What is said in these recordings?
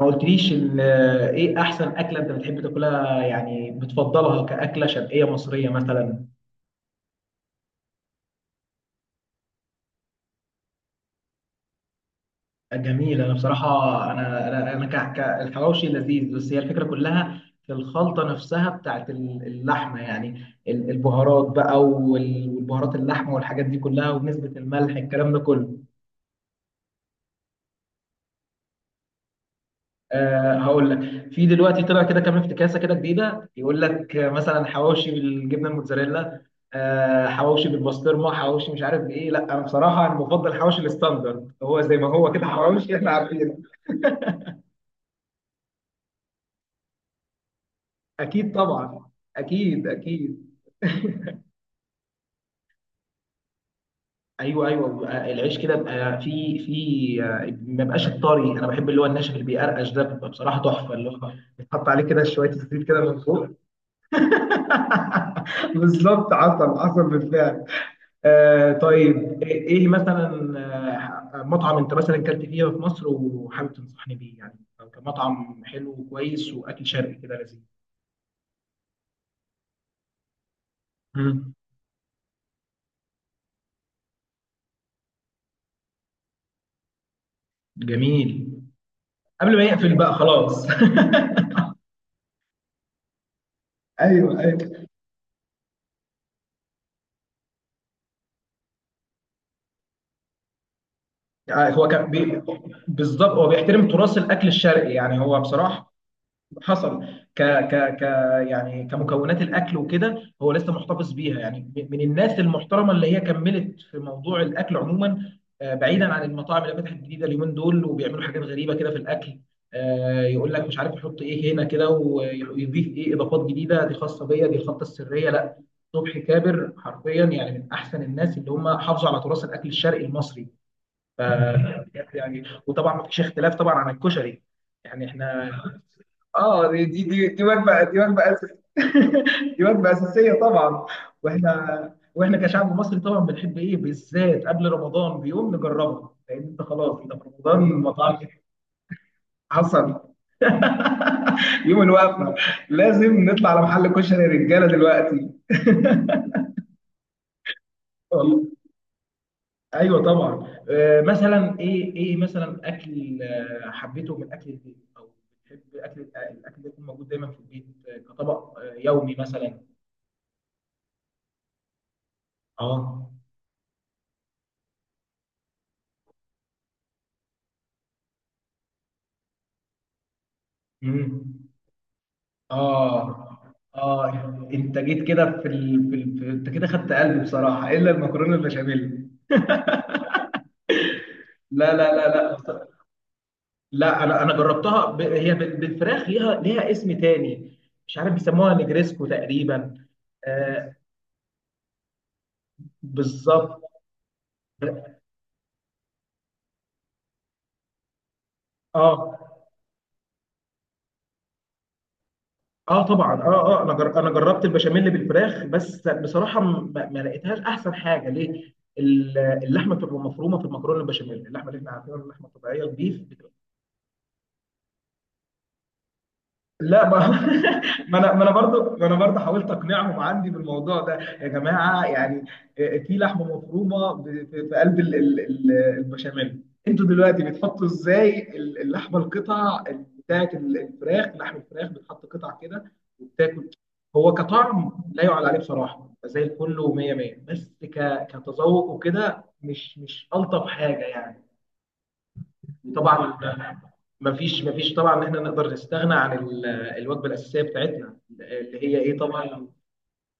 ما قلتليش ان ايه احسن اكله انت بتحب تاكلها، يعني بتفضلها كاكله شرقيه مصريه مثلا؟ جميله انا بصراحه. انا الحواوشي لذيذ، بس هي الفكره كلها في الخلطه نفسها بتاعت اللحمه يعني. البهارات بقى والبهارات، اللحمه والحاجات دي كلها ونسبه الملح الكلام ده كله. أه، هقول لك. في دلوقتي طلع كده كام افتكاسه كده جديده، يقول لك مثلا حواوشي بالجبنه الموتزاريلا. أه حواوشي بالبسطرمه، حواوشي مش عارف بايه. لا، انا بصراحه انا بفضل حواوشي الستاندرد، هو زي ما هو كده، حواوشي احنا عارفينه. اكيد طبعا. اكيد اكيد. ايوه ايوه، بيبقى العيش كده، بيبقى في ما بقاش الطري. انا بحب اللي هو الناشف اللي بيقرقش، ده بيبقى بصراحه تحفه. اللي هو بيتحط عليه كده شويه زيت كده من فوق. بالظبط، عسل عسل بالفعل. طيب، ايه مثلا. مطعم انت مثلا كلت فيه في مصر وحابب تنصحني بيه يعني، أو كمطعم حلو وكويس واكل شرقي كده لذيذ؟ مم. جميل. قبل ما يقفل بقى خلاص. ايوه ايوه. آه، هو كان بي... بالظبط هو بيحترم تراث الاكل الشرقي، يعني هو بصراحه. حصل. ك ك ك يعني كمكونات الاكل وكده، هو لسه محتفظ بيها، يعني من الناس المحترمه اللي هي كملت في موضوع الاكل عموما. بعيدا عن المطاعم اللي فتحت جديده اليومين دول وبيعملوا حاجات غريبه كده في الاكل. يقول لك مش عارف يحط ايه هنا كده ويضيف ايه، اضافات جديده دي خاصه بيا، دي الخطه السريه، لا. صبحي كابر حرفيا يعني من احسن الناس اللي هم حافظوا على تراث الاكل الشرقي المصري. ف يعني وطبعا ما فيش اختلاف طبعا عن الكشري. يعني احنا. اه، دي وجبه، دي وجبه أساسية. دي وجبه اساسيه طبعا. واحنا كشعب مصري طبعا بنحب ايه بالذات قبل رمضان بيوم نجربها، لان انت خلاص انت في رمضان مطعم. حصل. يوم الوقفه. لازم نطلع على محل كشري يا رجاله دلوقتي. والله. ايوه طبعا، مثلا ايه مثلا اكل حبيته من اكل البيت، او بتحب اكل الاكل ده يكون موجود دايما في البيت، كطبق يومي مثلا؟ اه. مم. اه اه. انت جيت كده انت كده خدت قلبي بصراحه، الا المكرونه البشاميل. لا لا لا لا، لا انا جربتها، هي بالفراخ، ليها اسم تاني. مش عارف بيسموها نجريسكو تقريبا. آه. بالظبط. اه اه طبعا اه. اه، انا جربت البشاميل بالفراخ، بس بصراحه ما لقيتهاش احسن حاجه ليه. اللحمه بتبقى مفرومه في المكرونه البشاميل، اللحمه اللي احنا عارفينها، اللحمه الطبيعيه، البيف. لا ما. ما انا برضو حاولت اقنعهم عندي بالموضوع ده. يا جماعه يعني. في لحمه مفرومه، في قلب البشاميل. انتوا دلوقتي بتحطوا ازاي اللحمه، القطع بتاعت الفراخ، لحم الفراخ، بتحط قطع كده وبتاكل؟ هو كطعم لا يعلى عليه بصراحه، زي الفل ومية مية، بس كتذوق وكده مش الطف حاجه يعني. طبعا ما فيش طبعا ان احنا نقدر نستغنى عن الوجبه الاساسيه بتاعتنا، اللي هي ايه طبعا.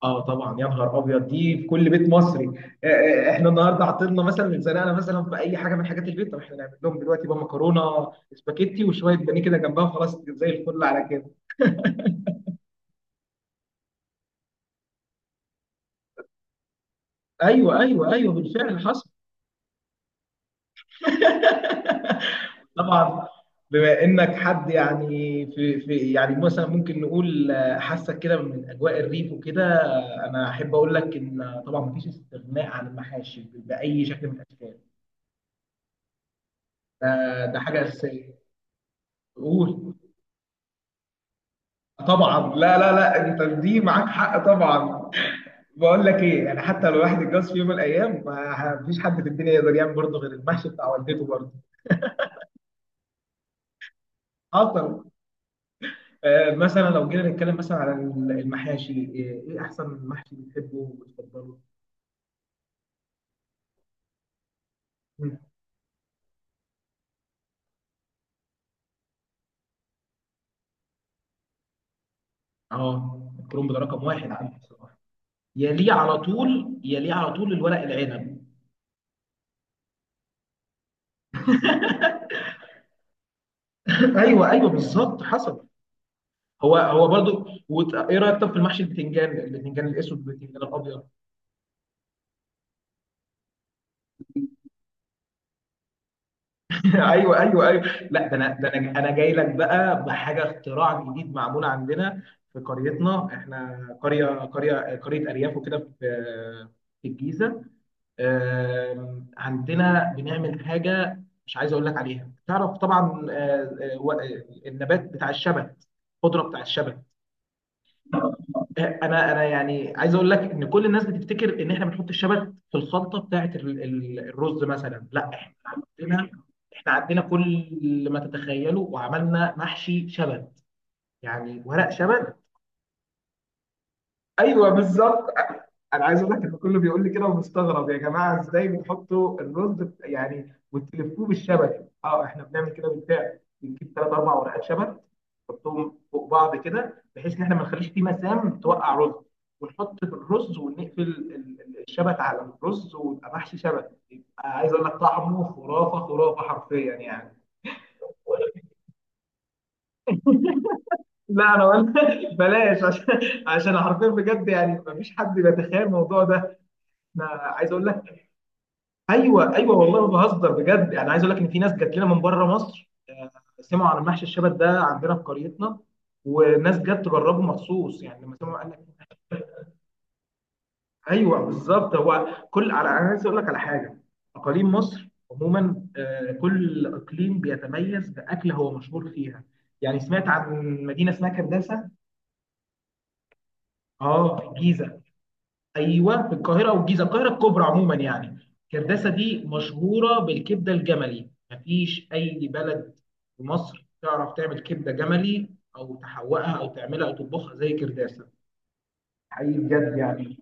اه طبعا، يا نهار ابيض، دي في كل بيت مصري. احنا النهارده عطلنا مثلا، اتزنقنا مثلا في اي حاجه من حاجات البيت، طب احنا نعمل لهم دلوقتي بقى مكرونه سباكيتي وشويه بانيه كده جنبها، خلاص زي الفل على كده. ايوه ايوه ايوه بالفعل، حصل. طبعا. بما انك حد يعني، في يعني مثلا ممكن نقول، حاسك كده من اجواء الريف وكده. انا احب اقول لك ان طبعا مفيش استغناء عن المحاشي باي شكل من الاشكال. ده حاجه اساسيه. قول. طبعا لا لا لا، انت دي معاك حق طبعا. بقول لك ايه يعني، حتى لو الواحد اتجوز في يوم من الايام، ما فيش حد في الدنيا يقدر يعمل برضه غير المحشي بتاع والدته برضه. حصل. مثلا لو جينا نتكلم مثلا على المحاشي، ايه احسن محشي بتحبه وبتفضله؟ مم. اه، الكرنب ده رقم واحد عندي بصراحه. يليه على طول، يليه على طول الورق العنب. ايوه ايوه بالظبط، حصل. هو هو برضو، ايه رايك طب في المحشي البتنجان، الاسود والبتنجان الابيض؟ ايوه ايوه ايوه. لا، ده انا ده انا انا جاي لك بقى بحاجه، اختراع جديد معمول عندنا في قريتنا. احنا قريه، ارياف وكده، في الجيزه. عندنا بنعمل حاجه مش عايز اقول لك عليها، تعرف طبعا، النبات بتاع الشبت، الخضره بتاع الشبت. انا انا يعني عايز اقول لك ان كل الناس بتفتكر ان احنا بنحط الشبت في الخلطه بتاعه الرز مثلا. لا، احنا عندنا، احنا عندنا كل ما تتخيله، وعملنا محشي شبت، يعني ورق شبت. ايوه بالظبط. انا عايز اقول لك ان كله بيقول لي كده ومستغرب، يا جماعه ازاي بتحطوا الرز يعني وتلفوه بالشبك؟ اه، احنا بنعمل كده بالفعل، بنجيب ثلاث اربع ورقات شبك، نحطهم فوق بعض كده بحيث ان احنا ما نخليش فيه مسام توقع رز، ونحط في الرز ونقفل الشبك على الرز، ويبقى محشي شبك. يبقى عايز اقول لك طعمه خرافه خرافه حرفيا يعني. لا انا قلت، بلاش، عشان حرفيا بجد يعني مفيش حد بيتخيل الموضوع ده. انا عايز اقول لك. ايوه ايوه والله ما بهزر بجد يعني، عايز اقول لك ان في ناس جات لنا من بره مصر، سمعوا عن محشي الشبت ده عندنا في قريتنا، وناس جت تجربه مخصوص يعني لما سمعوا، قال لك. ايوه بالظبط، هو كل على، انا عايز اقول لك على حاجه. اقاليم مصر عموما، كل اقليم بيتميز باكله هو مشهور فيها. يعني سمعت عن مدينه اسمها كرداسه. اه، في الجيزه. ايوه، في القاهره والجيزه، القاهره الكبرى عموما يعني. كرداسه دي مشهوره بالكبده الجملي، مفيش اي بلد في مصر تعرف تعمل كبده جملي، او تحوقها او تعملها او تطبخها زي كرداسه. حقيقي بجد يعني.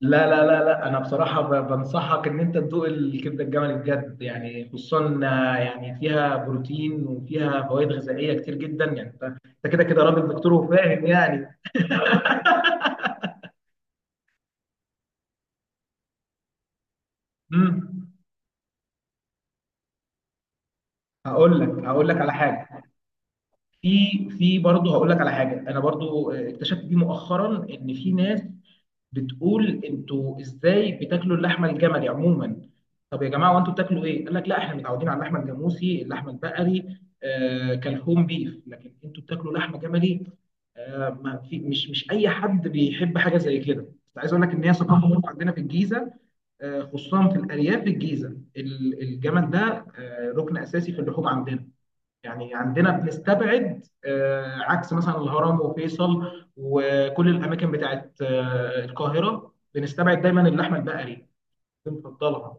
لا لا لا لا، انا بصراحه بنصحك ان انت تدوق الكبده الجملي بجد يعني، خصوصا يعني فيها بروتين وفيها فوائد غذائيه كتير جدا يعني، انت أنت كده كده راجل دكتور وفاهم يعني. امم هقول لك، على حاجه. في برضه هقول لك على حاجه، انا برضه اكتشفت دي مؤخرا ان في ناس بتقول، انتوا ازاي بتاكلوا اللحمه الجملي عموما؟ طب يا جماعه وانتوا بتاكلوا ايه؟ قال لك لا، احنا متعودين على اللحمه الجاموسي، اللحمه البقري، آه كالهوم بيف. لكن انتوا بتاكلوا لحمه جملي؟ آه، ما في، مش اي حد بيحب حاجه زي كده، بس عايز اقول لك ان هي ثقافه برضه عندنا في الجيزه. آه. خصوصا في الارياف في الجيزه، الجمل ده آه ركن اساسي في اللحوم عندنا. يعني عندنا بنستبعد، عكس مثلا الهرم وفيصل وكل الاماكن بتاعت القاهره، بنستبعد دايما اللحمه البقري، بنفضلها.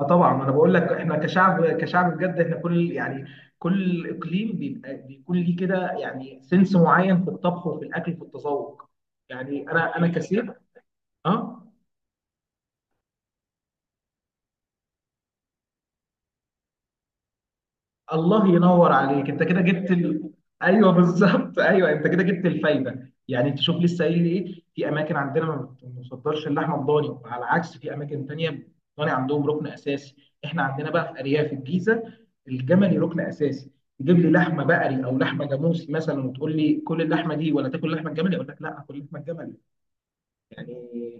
اه طبعا، انا بقول لك احنا كشعب، بجد، احنا كل يعني كل اقليم بيبقى بيكون ليه كده، يعني سنس معين في الطبخ وفي الاكل وفي التذوق. يعني انا كسيف. اه. الله ينور عليك، انت كده جبت ايوه بالظبط، ايوه انت كده جبت الفايده يعني. انت شوف لسه قايل ايه، في اماكن عندنا ما بنفضلش اللحمه الضاني، على العكس في اماكن تانية الضاني عندهم ركن اساسي. احنا عندنا بقى في ارياف الجيزه الجملي ركن اساسي. تجيب لي لحمه بقري او لحمه جاموسي مثلا وتقول لي كل اللحمه دي ولا تاكل لحمه الجملي، اقول لك لا، اكل لحمه الجملي. يعني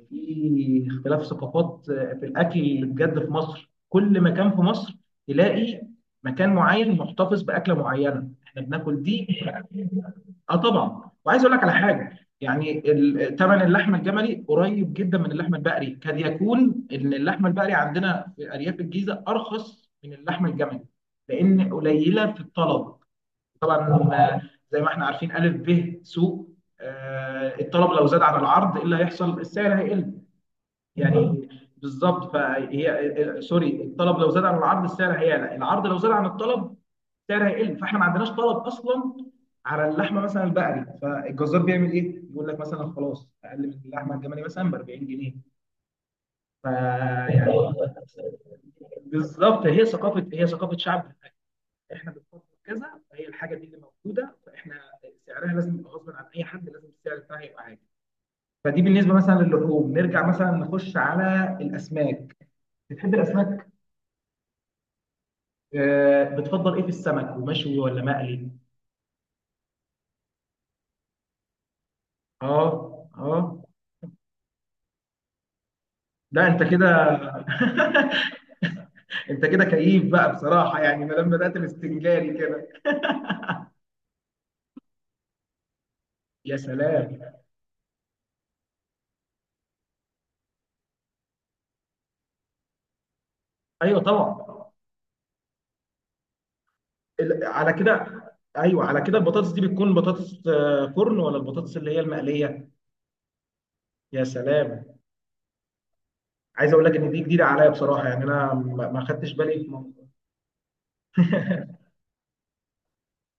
في اختلاف ثقافات في الاكل اللي بجد في مصر، كل مكان في مصر تلاقي مكان معين محتفظ باكله معينه، احنا بناكل دي. اه طبعا، وعايز اقول لك على حاجه يعني. ثمن اللحمه الجملي قريب جدا من اللحمه البقري، قد يكون ان اللحمه البقري عندنا في ارياف الجيزه ارخص من اللحمه الجملي لان قليله في الطلب، طبعا. آه، زي ما احنا عارفين الف ب سوق، الطلب لو زاد عن العرض ايه اللي هيحصل، السعر هيقل. يعني بالظبط، فهي سوري، الطلب لو زاد عن العرض السعر هيعلى، العرض لو زاد عن الطلب السعر هيقل. فاحنا ما عندناش طلب اصلا على اللحمه مثلا البقري، فالجزار بيعمل ايه؟ بيقول لك مثلا خلاص اقل من اللحمه الجملي مثلا ب 40 جنيه، فيعني. بالظبط، هي ثقافه، شعب، احنا بنفكر كذا، فهي الحاجه دي اللي موجوده، فاحنا سعرها لازم يبقى غصب عن اي حد، لازم السعر بتاعها يبقى عالي. فدي بالنسبه مثلا للحوم، نرجع مثلا نخش على الاسماك. بتحب الاسماك؟ بتفضل ايه في السمك، ومشوي ولا مقلي؟ اه اه. لا انت كده، انت كده كيف بقى بصراحه يعني، ما دام بدات السنجاري كده. يا سلام. ايوه طبعا. على كده. ايوه على كده، البطاطس دي بتكون بطاطس فرن ولا البطاطس اللي هي المقليه؟ يا سلام. عايز اقول لك ان دي جديده عليا بصراحه يعني، انا ما خدتش بالي في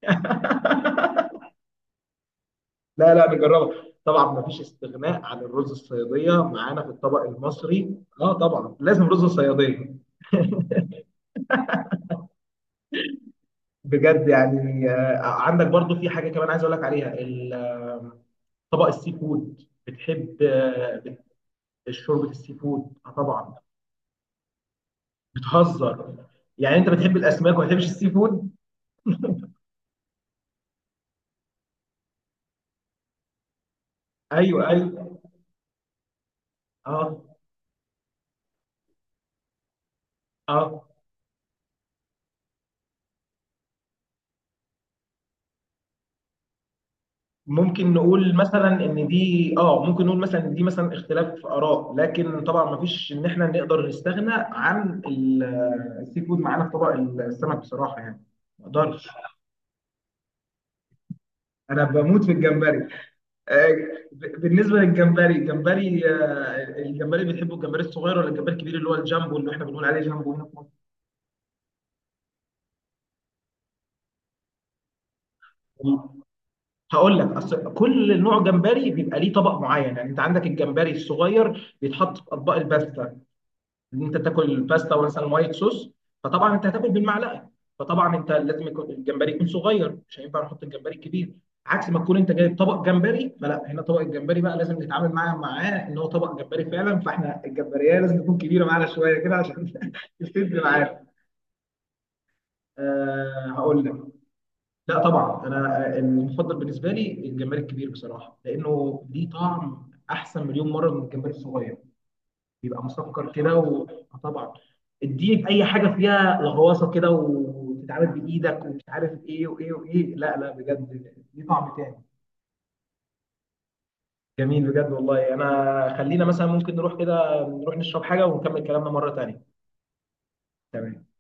لا لا، نجربها طبعا، ما فيش استغناء عن الرز الصياديه معانا في الطبق المصري، اه طبعا لازم رز الصياديه. بجد يعني، عندك برضو في حاجه كمان عايز اقول لك عليها، طبق السي فود. بتحب شوربه السي فود؟ طبعا. بتهزر؟ يعني انت بتحب الاسماك وما بتحبش السي فود؟ ايوه ايوه. اه. اه ممكن نقول مثلا ان دي مثلا اختلاف في اراء، لكن طبعا ما فيش ان احنا نقدر نستغنى عن السي فود معانا في طبق السمك بصراحه يعني، ما اقدرش. انا بموت في الجمبري. آه، بالنسبه للجمبري، الجمبري بتحبه، الجمبري الصغير ولا الجمبري الكبير اللي هو الجامبو، اللي احنا بنقول عليه جامبو هنا في مصر؟ هقول لك، اصل كل نوع جمبري بيبقى ليه طبق معين، يعني انت عندك الجمبري الصغير بيتحط في اطباق الباستا. ان انت تاكل باستا مثلا وايت صوص، فطبعا انت هتاكل بالمعلقه، فطبعا انت لازم يكون الجمبري يكون صغير، مش هينفع نحط الجمبري الكبير. عكس ما تكون انت جايب طبق جمبري، فلا، هنا طبق الجمبري بقى لازم نتعامل معاه، ان هو طبق جمبري فعلا، فاحنا الجمبريه لازم تكون كبيره معانا شويه كده، عشان تسد معانا. أه، هقول لك. لا طبعا، انا المفضل بالنسبه لي الجمبري الكبير بصراحه، لانه ليه طعم احسن مليون مره من الجمبري الصغير. بيبقى مسكر كده آه طبعا. اديه اي حاجه فيها لغواصه كده وتتعامل بايدك ومش عارف ايه وايه وايه، لا لا بجد ليه طعم تاني. جميل بجد والله، انا خلينا مثلا ممكن نروح كده، نروح نشرب حاجه ونكمل كلامنا مره تانيه. تمام.